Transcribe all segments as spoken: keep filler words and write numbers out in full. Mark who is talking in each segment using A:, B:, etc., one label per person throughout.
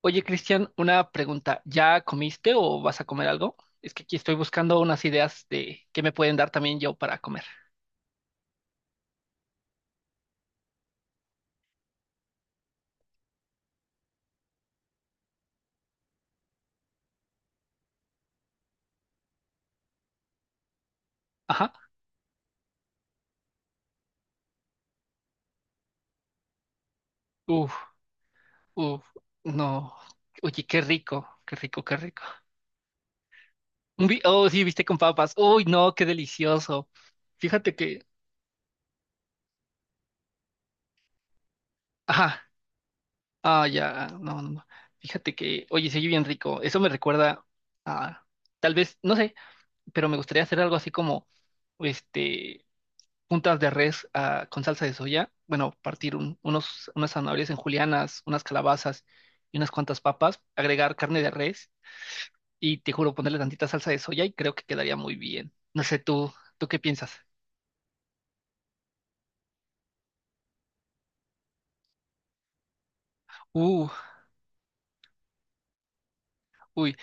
A: Oye, Cristian, una pregunta. ¿Ya comiste o vas a comer algo? Es que aquí estoy buscando unas ideas de qué me pueden dar también yo para comer. Ajá. Uf, uf, no. Oye, qué rico, qué rico, qué rico. Un bi- Oh, sí, viste con papas. Uy, no, qué delicioso. Fíjate que. Ajá. Ah, ya. No, no, no. Fíjate que. Oye, se oye bien rico. Eso me recuerda a. Tal vez, no sé, pero me gustaría hacer algo así como. Este. Puntas de res ah, con salsa de soya. Bueno, partir un- unos, unas zanahorias en julianas, unas calabazas y unas cuantas papas. Agregar carne de res y te juro ponerle tantita salsa de soya y creo que quedaría muy bien. No sé, tú, ¿tú qué piensas? Uh, uy.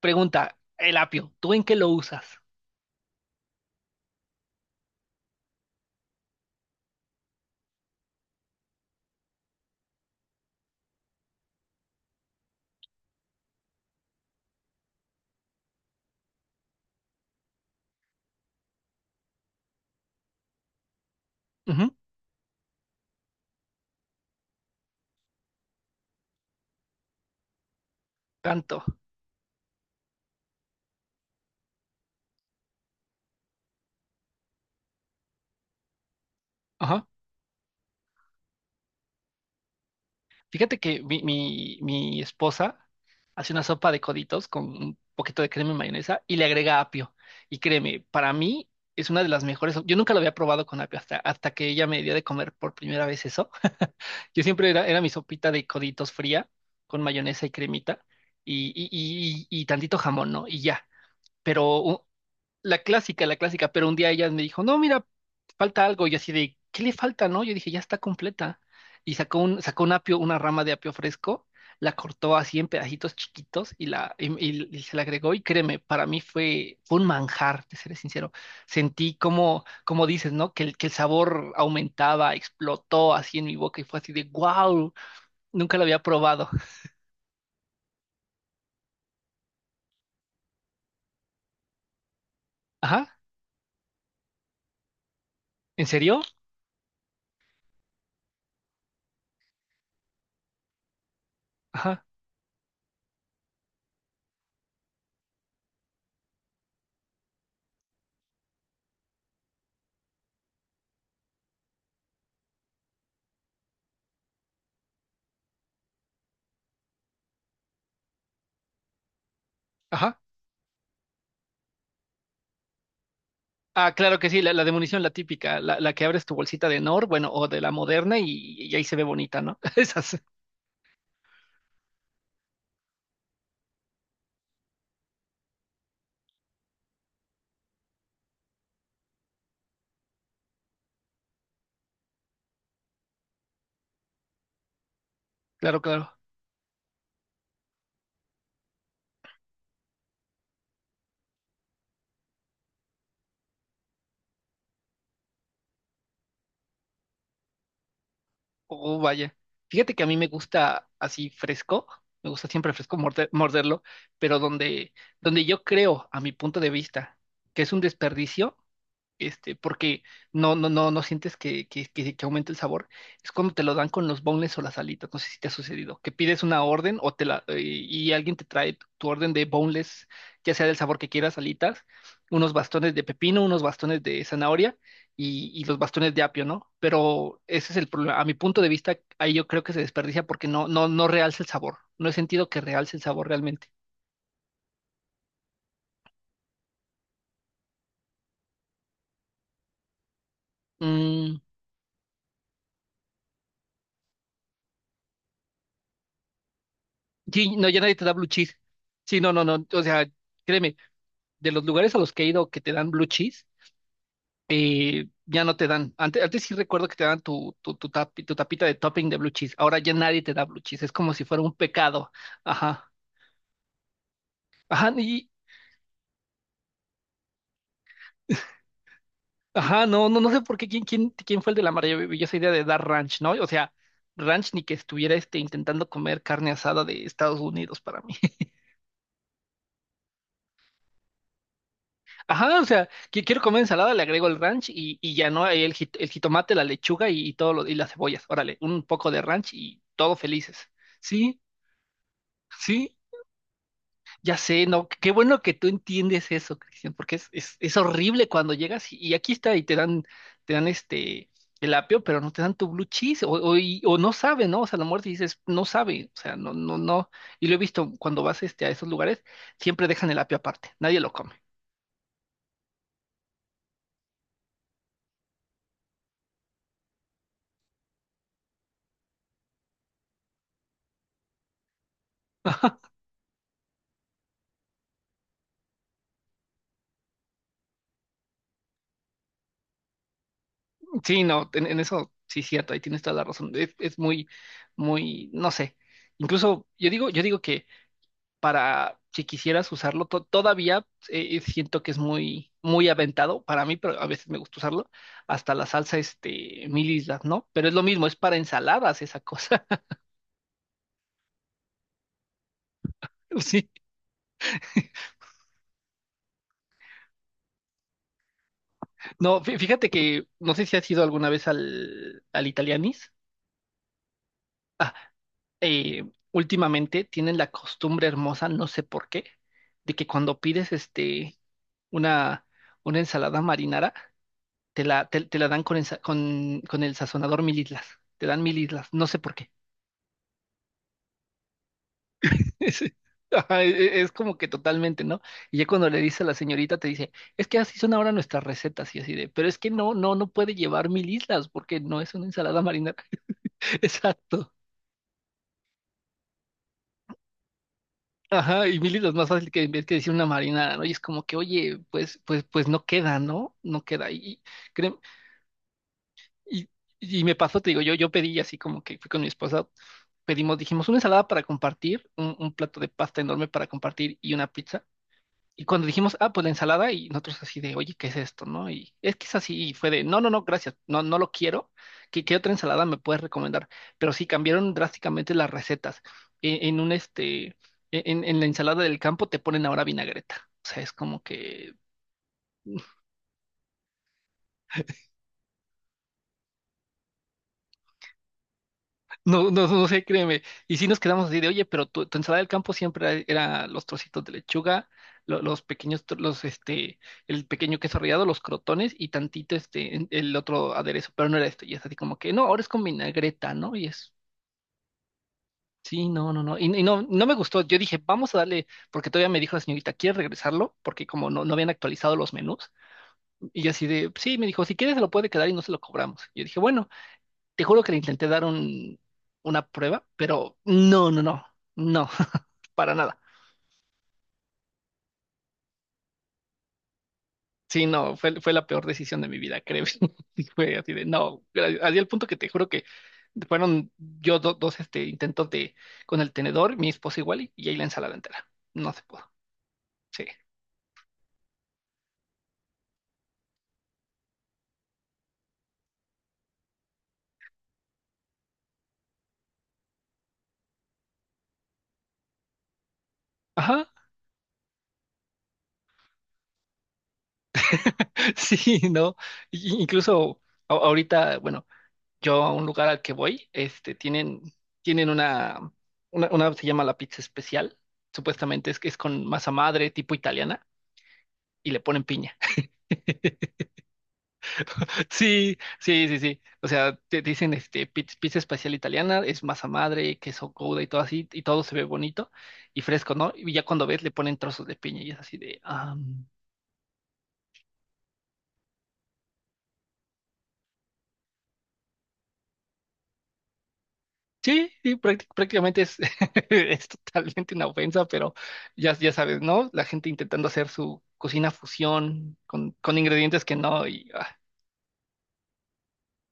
A: Pregunta, el apio, ¿tú en qué lo usas? Ujú. Tanto. Fíjate que mi, mi, mi esposa hace una sopa de coditos con un poquito de crema y mayonesa y le agrega apio. Y créeme, para mí es una de las mejores. so-, Yo nunca lo había probado con apio hasta, hasta que ella me dio de comer por primera vez eso. Yo siempre era, era mi sopita de coditos fría con mayonesa y cremita y, y, y, y y tantito jamón, ¿no? Y ya. Pero u- la clásica, la clásica, pero un día ella me dijo, no, mira, falta algo, y así de, ¿qué le falta, no? Yo dije, ya está completa, y sacó un, sacó un apio, una rama de apio fresco, la cortó así en pedacitos chiquitos y, la, y, y- y se la agregó, y créeme, para mí fue, fue un manjar, te seré sincero, sentí como, como dices, ¿no? Que el, que el sabor aumentaba, explotó así en mi boca, y fue así de, wow, nunca lo había probado, ajá, ¿en serio? Ajá, ajá. Ah, claro que sí, la, la de munición, la típica, la, la que abres tu bolsita de Nor, bueno, o de la moderna y, y ahí se ve bonita, ¿no? Esas, claro, claro. Oh, vaya. Fíjate que a mí me gusta así fresco, me gusta siempre fresco morde- morderlo, pero donde, donde yo creo, a mi punto de vista, que es un desperdicio, este, porque no, no, no, no sientes que, que, que, que aumente el sabor, es cuando te lo dan con los boneless o las alitas, no sé si te ha sucedido, que pides una orden o te la, eh, y alguien te trae tu tu orden de boneless, ya sea del sabor que quieras, alitas, unos bastones de pepino, unos bastones de zanahoria y, y los bastones de apio, ¿no? Pero ese es el problema. A mi punto de vista, ahí yo creo que se desperdicia porque no, no, no realza el sabor. No he sentido que realce el sabor realmente. Mm, sí, no, ya nadie te da blue cheese. Sí, no, no, no. O sea, créeme, de los lugares a los que he ido que te dan blue cheese, eh, ya no te dan. Antes, antes sí recuerdo que te dan tu, tu, tu, tapi- tu tapita de topping de blue cheese. Ahora ya nadie te da blue cheese. Es como si fuera un pecado. Ajá. Ajá, y, ajá, no, no, no sé por qué quién, quién, quién fue el de la maravillosa idea de dar ranch, ¿no? O sea, ranch ni que estuviera este, intentando comer carne asada de Estados Unidos para mí. Ajá, o sea, que quiero comer ensalada, le agrego el ranch y, y ya no, ahí el, jit- el jitomate, la lechuga y, y todo lo- y las cebollas. Órale, un poco de ranch y todos felices. Sí, sí, ya sé, no, qué bueno que tú entiendes eso, Cristian, porque es, es, es horrible cuando llegas y, y aquí está y te dan, te dan este el apio, pero no te dan tu blue cheese, o, o, y- o no sabe, ¿no? O sea, a lo mejor dices, no sabe, o sea, no, no, no. Y lo he visto cuando vas este, a esos lugares, siempre dejan el apio aparte, nadie lo come. Sí, no, en, en eso sí cierto, ahí tienes toda la razón. Es, es muy, muy, no sé. Incluso yo digo, yo digo para si quisieras usarlo. To- todavía eh, eh, siento que es muy, muy aventado para mí, pero a veces me gusta usarlo. Hasta la salsa, este, mil islas, ¿no? Pero es lo mismo, es para ensaladas esa cosa. Sí. No, fí- fíjate que no sé si has ido alguna vez al, al Italianis. Ah, eh, últimamente tienen la costumbre hermosa, no sé por qué, de que cuando pides este, una, una ensalada marinara, te la, te, te la dan con el, sa- con, con el sazonador mil islas. Te dan mil islas, no sé por qué. Es, ajá, e- e, es como que totalmente, ¿no? Y ya cuando le dice a la señorita, te dice, es que así son ahora nuestras recetas y así de, pero es que no, no, no puede llevar mil islas porque no es una ensalada marinara. Exacto. Ajá, y mil islas más fácil que en vez que decir una marinara, ¿no? Y es como que, oye, pues, pues, pues no queda, ¿no? No queda. Y, y créeme- y- y me pasó, te digo, yo, yo pedí así como que fui con mi esposa pedimos, dijimos una ensalada para compartir, un, un plato de pasta enorme para compartir y una pizza. Y cuando dijimos, ah, pues la ensalada, y nosotros así de, oye, ¿qué es esto? ¿No? Y es que es así, y fue de, no, no, no, gracias, no, no lo quiero. ¿Qué, qué otra ensalada me puedes recomendar? Pero sí, cambiaron drásticamente las recetas. En, en un este, e, en, en la ensalada del campo te ponen ahora vinagreta. O sea, es como que no, no, no sé, créeme. Y sí nos quedamos así de, oye, pero tu, tu ensalada del campo siempre era, era los trocitos de lechuga, lo- los pequeños, tro- los, este, el pequeño queso rallado, los crotones y tantito, este, en- el otro aderezo, pero no era esto. Y es así como que, no, ahora es con vinagreta, ¿no? Y es, sí, no, no, no. Y, y no, no me gustó. Yo dije, vamos a darle, porque todavía me dijo la señorita, ¿quieres regresarlo? Porque como no, no habían actualizado los menús. Y yo así de, sí, me dijo, si quieres se lo puede quedar y no se lo cobramos. Y yo dije, bueno. Te juro que le intenté dar un, una prueba, pero no, no, no, no, para nada. Sí, no, fue, fue la peor decisión de mi vida, creo. Y fue así de, no, gracias. Así al punto que te juro que fueron yo do- dos este, intentos de con el tenedor, mi esposa igual, y, y ahí la ensalada entera. No se pudo. Sí. Ajá. Sí, no. Y- y Incluso a- ahorita, bueno. Yo a un lugar al que voy, este, tienen, tienen una, una, una se llama la pizza especial, supuestamente es que es con masa madre tipo italiana y le ponen piña. Sí, sí, sí, sí. O sea, te dicen este pizza, pizza especial italiana, es masa madre, queso gouda y todo así, y todo se ve bonito y fresco, ¿no? Y ya cuando ves le ponen trozos de piña y es así de, ah. Sí, sí, prácti- prácticamente es, es totalmente una ofensa, pero ya, ya sabes, ¿no? La gente intentando hacer su cocina fusión con, con ingredientes que no, y, ah,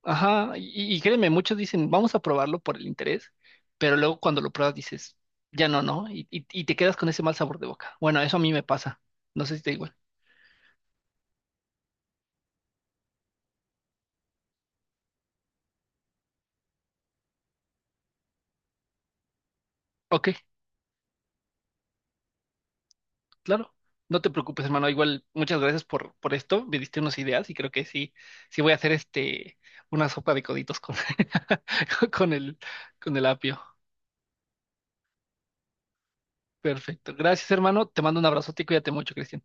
A: ajá, y, y créeme, muchos dicen, vamos a probarlo por el interés, pero luego cuando lo pruebas dices, ya no, ¿no? Y, y, y te quedas con ese mal sabor de boca. Bueno, eso a mí me pasa, no sé si te da igual. Ok, claro, no te preocupes, hermano. Igual, muchas gracias por, por esto. Me diste unas ideas y creo que sí, sí voy a hacer este una sopa de coditos con, con el, con el apio. Perfecto. Gracias, hermano. Te mando un abrazote y cuídate mucho, Cristian.